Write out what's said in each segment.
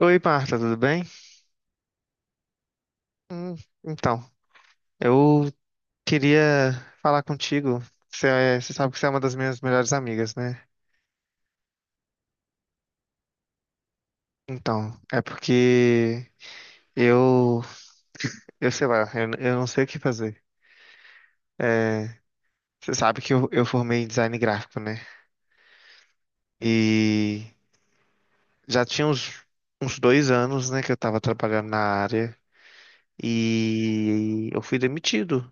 Oi, Marta, tudo bem? Hum, então, eu queria falar contigo. Você, você sabe que você é uma das minhas melhores amigas, né? Então, é porque eu, eu sei lá, eu não sei o que fazer. É, você sabe que eu formei em design gráfico, né? E já tinha uns 2 anos, né, que eu tava trabalhando na área e eu fui demitido.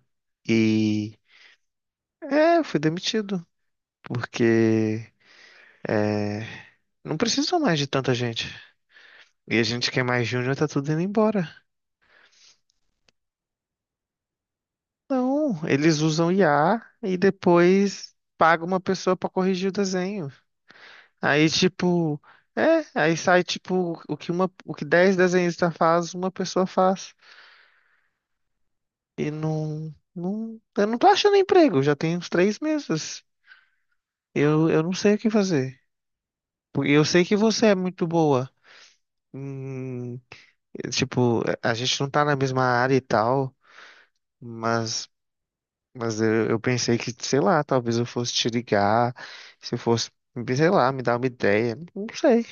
E eu fui demitido porque não precisam mais de tanta gente. E a gente que é mais júnior tá tudo indo embora. Não, eles usam IA e depois paga uma pessoa pra corrigir o desenho. Aí tipo, aí sai tipo o que uma, o que 10 desenhistas faz, uma pessoa faz. E não, não, eu não tô achando emprego, já tem uns 3 meses. Eu não sei o que fazer. Porque eu sei que você é muito boa. Hum, tipo, a gente não tá na mesma área e tal, mas Mas eu pensei que, sei lá, talvez eu fosse te ligar, se eu fosse, sei lá, me dar uma ideia. Não sei.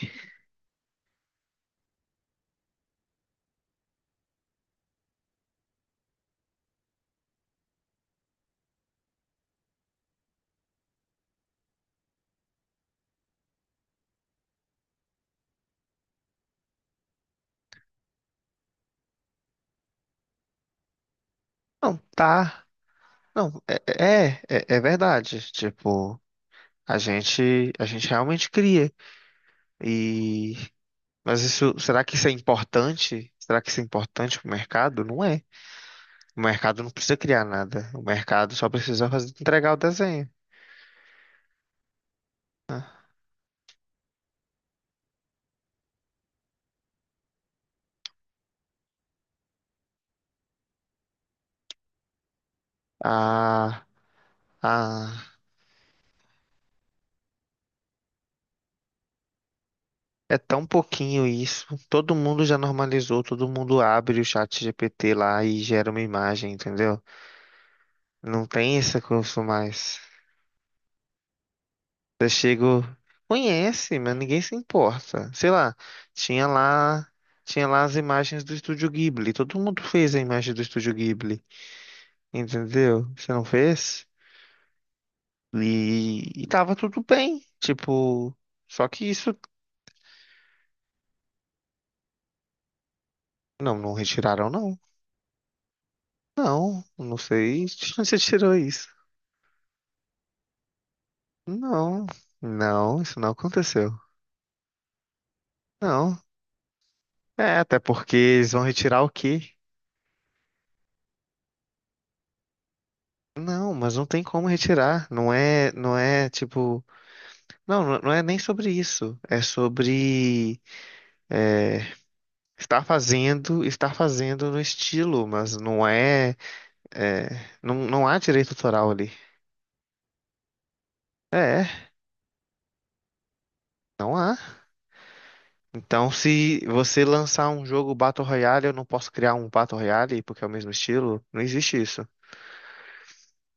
Não, tá. Não, é verdade. Tipo, a gente realmente cria. E, mas isso, será que isso é importante? Será que isso é importante pro mercado? Não é. O mercado não precisa criar nada. O mercado só precisa fazer, entregar o desenho. A, a É tão pouquinho isso. Todo mundo já normalizou, todo mundo abre o chat GPT lá e gera uma imagem, entendeu? Não tem esse curso mais. Eu chego, conhece, mas ninguém se importa. Sei lá, tinha lá, tinha lá as imagens do Estúdio Ghibli. Todo mundo fez a imagem do Estúdio Ghibli, entendeu? Você não fez? E tava tudo bem. Tipo, só que isso, não, não retiraram não. Não, não sei de onde você tirou isso. Não, não, isso não aconteceu. Não. É, até porque eles vão retirar o quê? Não, mas não tem como retirar. Não é, não é tipo, não, não não é nem sobre isso. É sobre estar fazendo no estilo, mas não é, é, não, não há direito autoral ali. É, não há. Então, se você lançar um jogo Battle Royale, eu não posso criar um Battle Royale porque é o mesmo estilo. Não existe isso.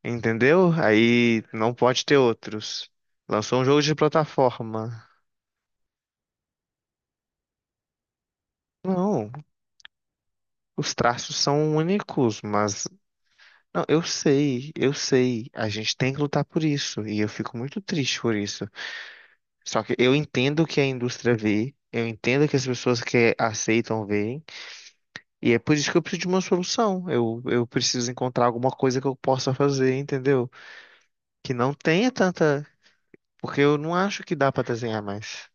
Entendeu? Aí não pode ter outros. Lançou um jogo de plataforma. Não, os traços são únicos, mas. Não, eu sei. A gente tem que lutar por isso. E eu fico muito triste por isso. Só que eu entendo o que a indústria vê, eu entendo que as pessoas que aceitam veem, e é por isso que eu preciso de uma solução. Eu preciso encontrar alguma coisa que eu possa fazer, entendeu? Que não tenha tanta. Porque eu não acho que dá pra desenhar mais.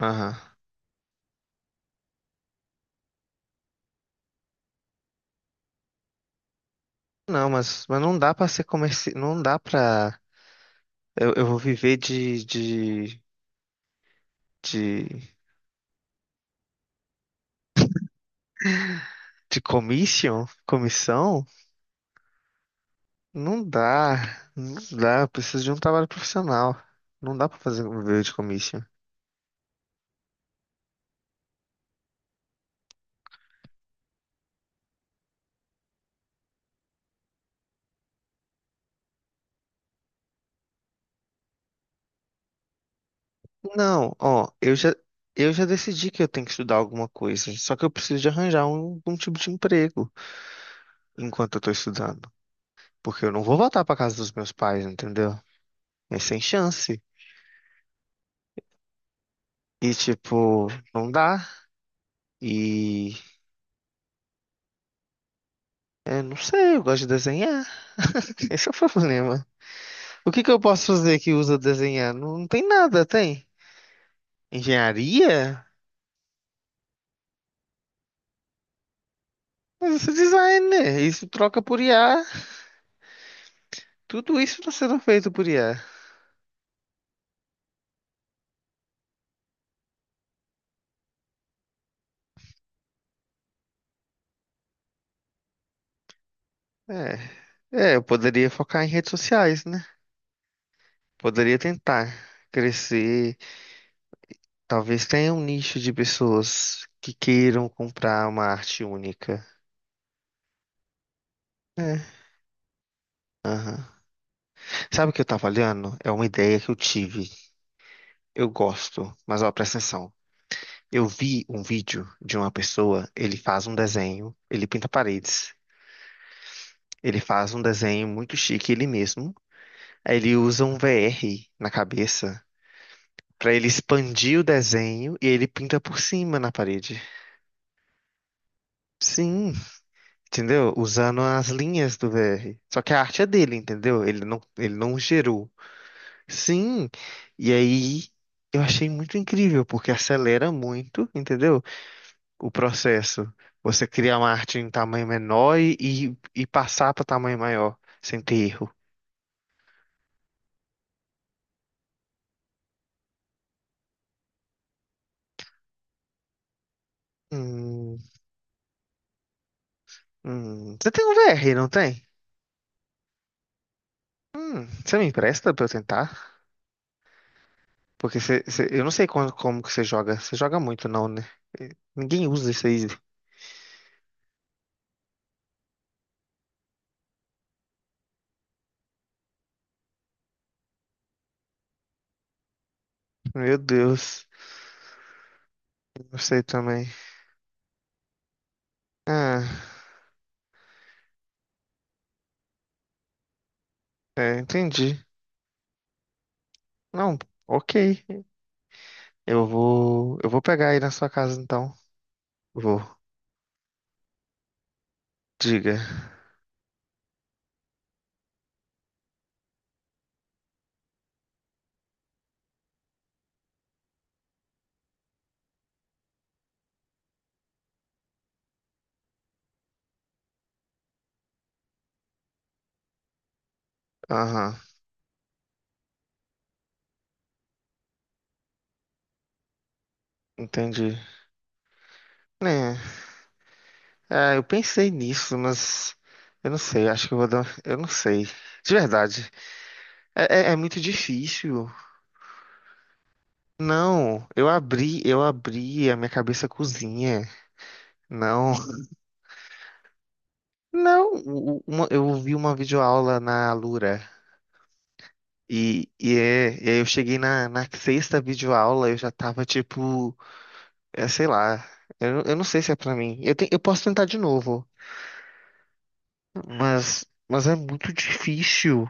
Aham. Não, mas não dá pra ser comerci... não dá pra... Eu vou viver de, de, de commission, comissão? Não dá, não dá, eu preciso de um trabalho profissional. Não dá pra fazer viver de commission. Não, ó, eu já decidi que eu tenho que estudar alguma coisa, só que eu preciso de arranjar um tipo de emprego enquanto eu tô estudando, porque eu não vou voltar pra casa dos meus pais, entendeu? É sem chance. E, tipo, não dá. E não sei, eu gosto de desenhar. Esse é o problema. O que que eu posso fazer que usa desenhar? Não, não tem nada, tem. Engenharia? Mas isso é design, né? Isso troca por IA. Tudo isso está sendo feito por IA. É. É, eu poderia focar em redes sociais, né? Poderia tentar crescer. Talvez tenha um nicho de pessoas que queiram comprar uma arte única. É. Sabe o que eu tava olhando? É uma ideia que eu tive. Eu gosto, mas ó, presta atenção. Eu vi um vídeo de uma pessoa, ele faz um desenho, ele pinta paredes, ele faz um desenho muito chique ele mesmo, aí ele usa um VR na cabeça pra ele expandir o desenho e ele pinta por cima na parede. Sim, entendeu? Usando as linhas do VR. Só que a arte é dele, entendeu? Ele não gerou. Sim, e aí eu achei muito incrível porque acelera muito, entendeu? O processo. Você cria uma arte em tamanho menor e passar para tamanho maior, sem ter erro. Hum, Você tem um VR, não tem? Você me empresta pra eu tentar? Porque você, eu não sei como que você joga. Você joga muito, não, né? Ninguém usa isso aí. Meu Deus. Não sei também. Ah, entendi. Não, ok. Eu vou pegar aí na sua casa, então. Vou. Diga. Aham, entendi. Né? É, eu pensei nisso, mas eu não sei, acho que eu vou dar. Eu não sei. De verdade. É muito difícil. Não, eu abri a minha cabeça cozinha. Não. Não, eu vi uma videoaula na Alura. E aí eu cheguei na sexta videoaula, eu já tava tipo, sei lá, eu não sei se é pra mim. Eu posso tentar de novo, mas, mas é muito difícil.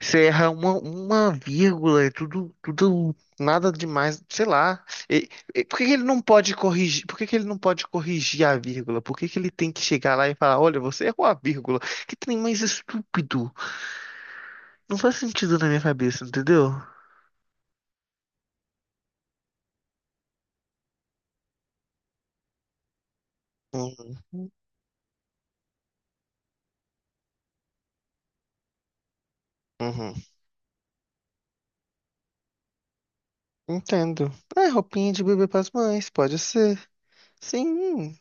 Você erra uma vírgula, é tudo, tudo, nada demais, sei lá. E- e por que que ele não pode corrigir? Por que que ele não pode corrigir a vírgula? Por que que ele tem que chegar lá e falar, olha, você errou a vírgula? Que trem mais estúpido. Não faz sentido na minha cabeça, entendeu? Uhum, uhum. Entendo. É, roupinha de bebê para as mães, pode ser. Sim,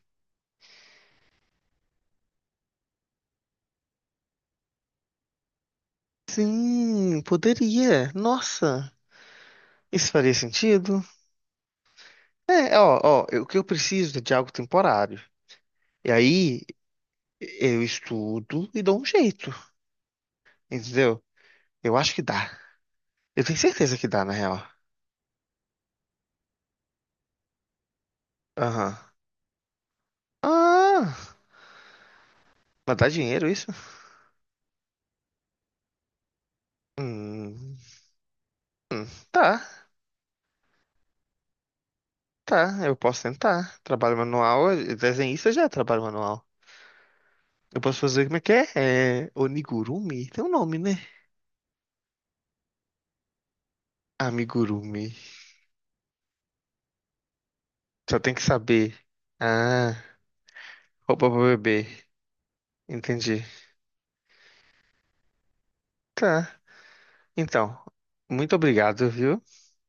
sim, poderia. Nossa, isso faria sentido? É, ó, ó, o que eu preciso é de algo temporário. E aí, eu estudo e dou um jeito, entendeu? Eu acho que dá. Eu tenho certeza que dá, na real. Aham. Ah, mas dá dinheiro isso? Hum, hum, tá, tá. Eu posso tentar. Trabalho manual, desenhista já é trabalho manual. Eu posso fazer como é que é? É onigurumi? Tem um nome, né? Amigurumi. Só tem que saber. Ah, roupa pra bebê. Entendi. Tá. Então, muito obrigado, viu?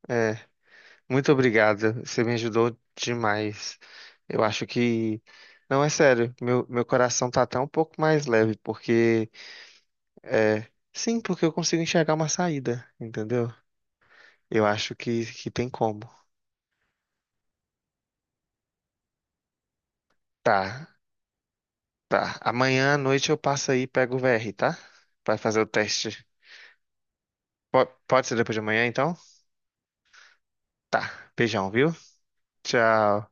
É, Muito obrigado, você me ajudou demais. Eu acho que, não é sério, meu coração tá até um pouco mais leve, porque, é, sim, porque eu consigo enxergar uma saída, entendeu? Eu acho que, tem como. Tá, tá. Amanhã à noite eu passo aí e pego o VR, tá? Vai fazer o teste. Pode ser depois de amanhã, então? Tá, beijão, viu? Tchau.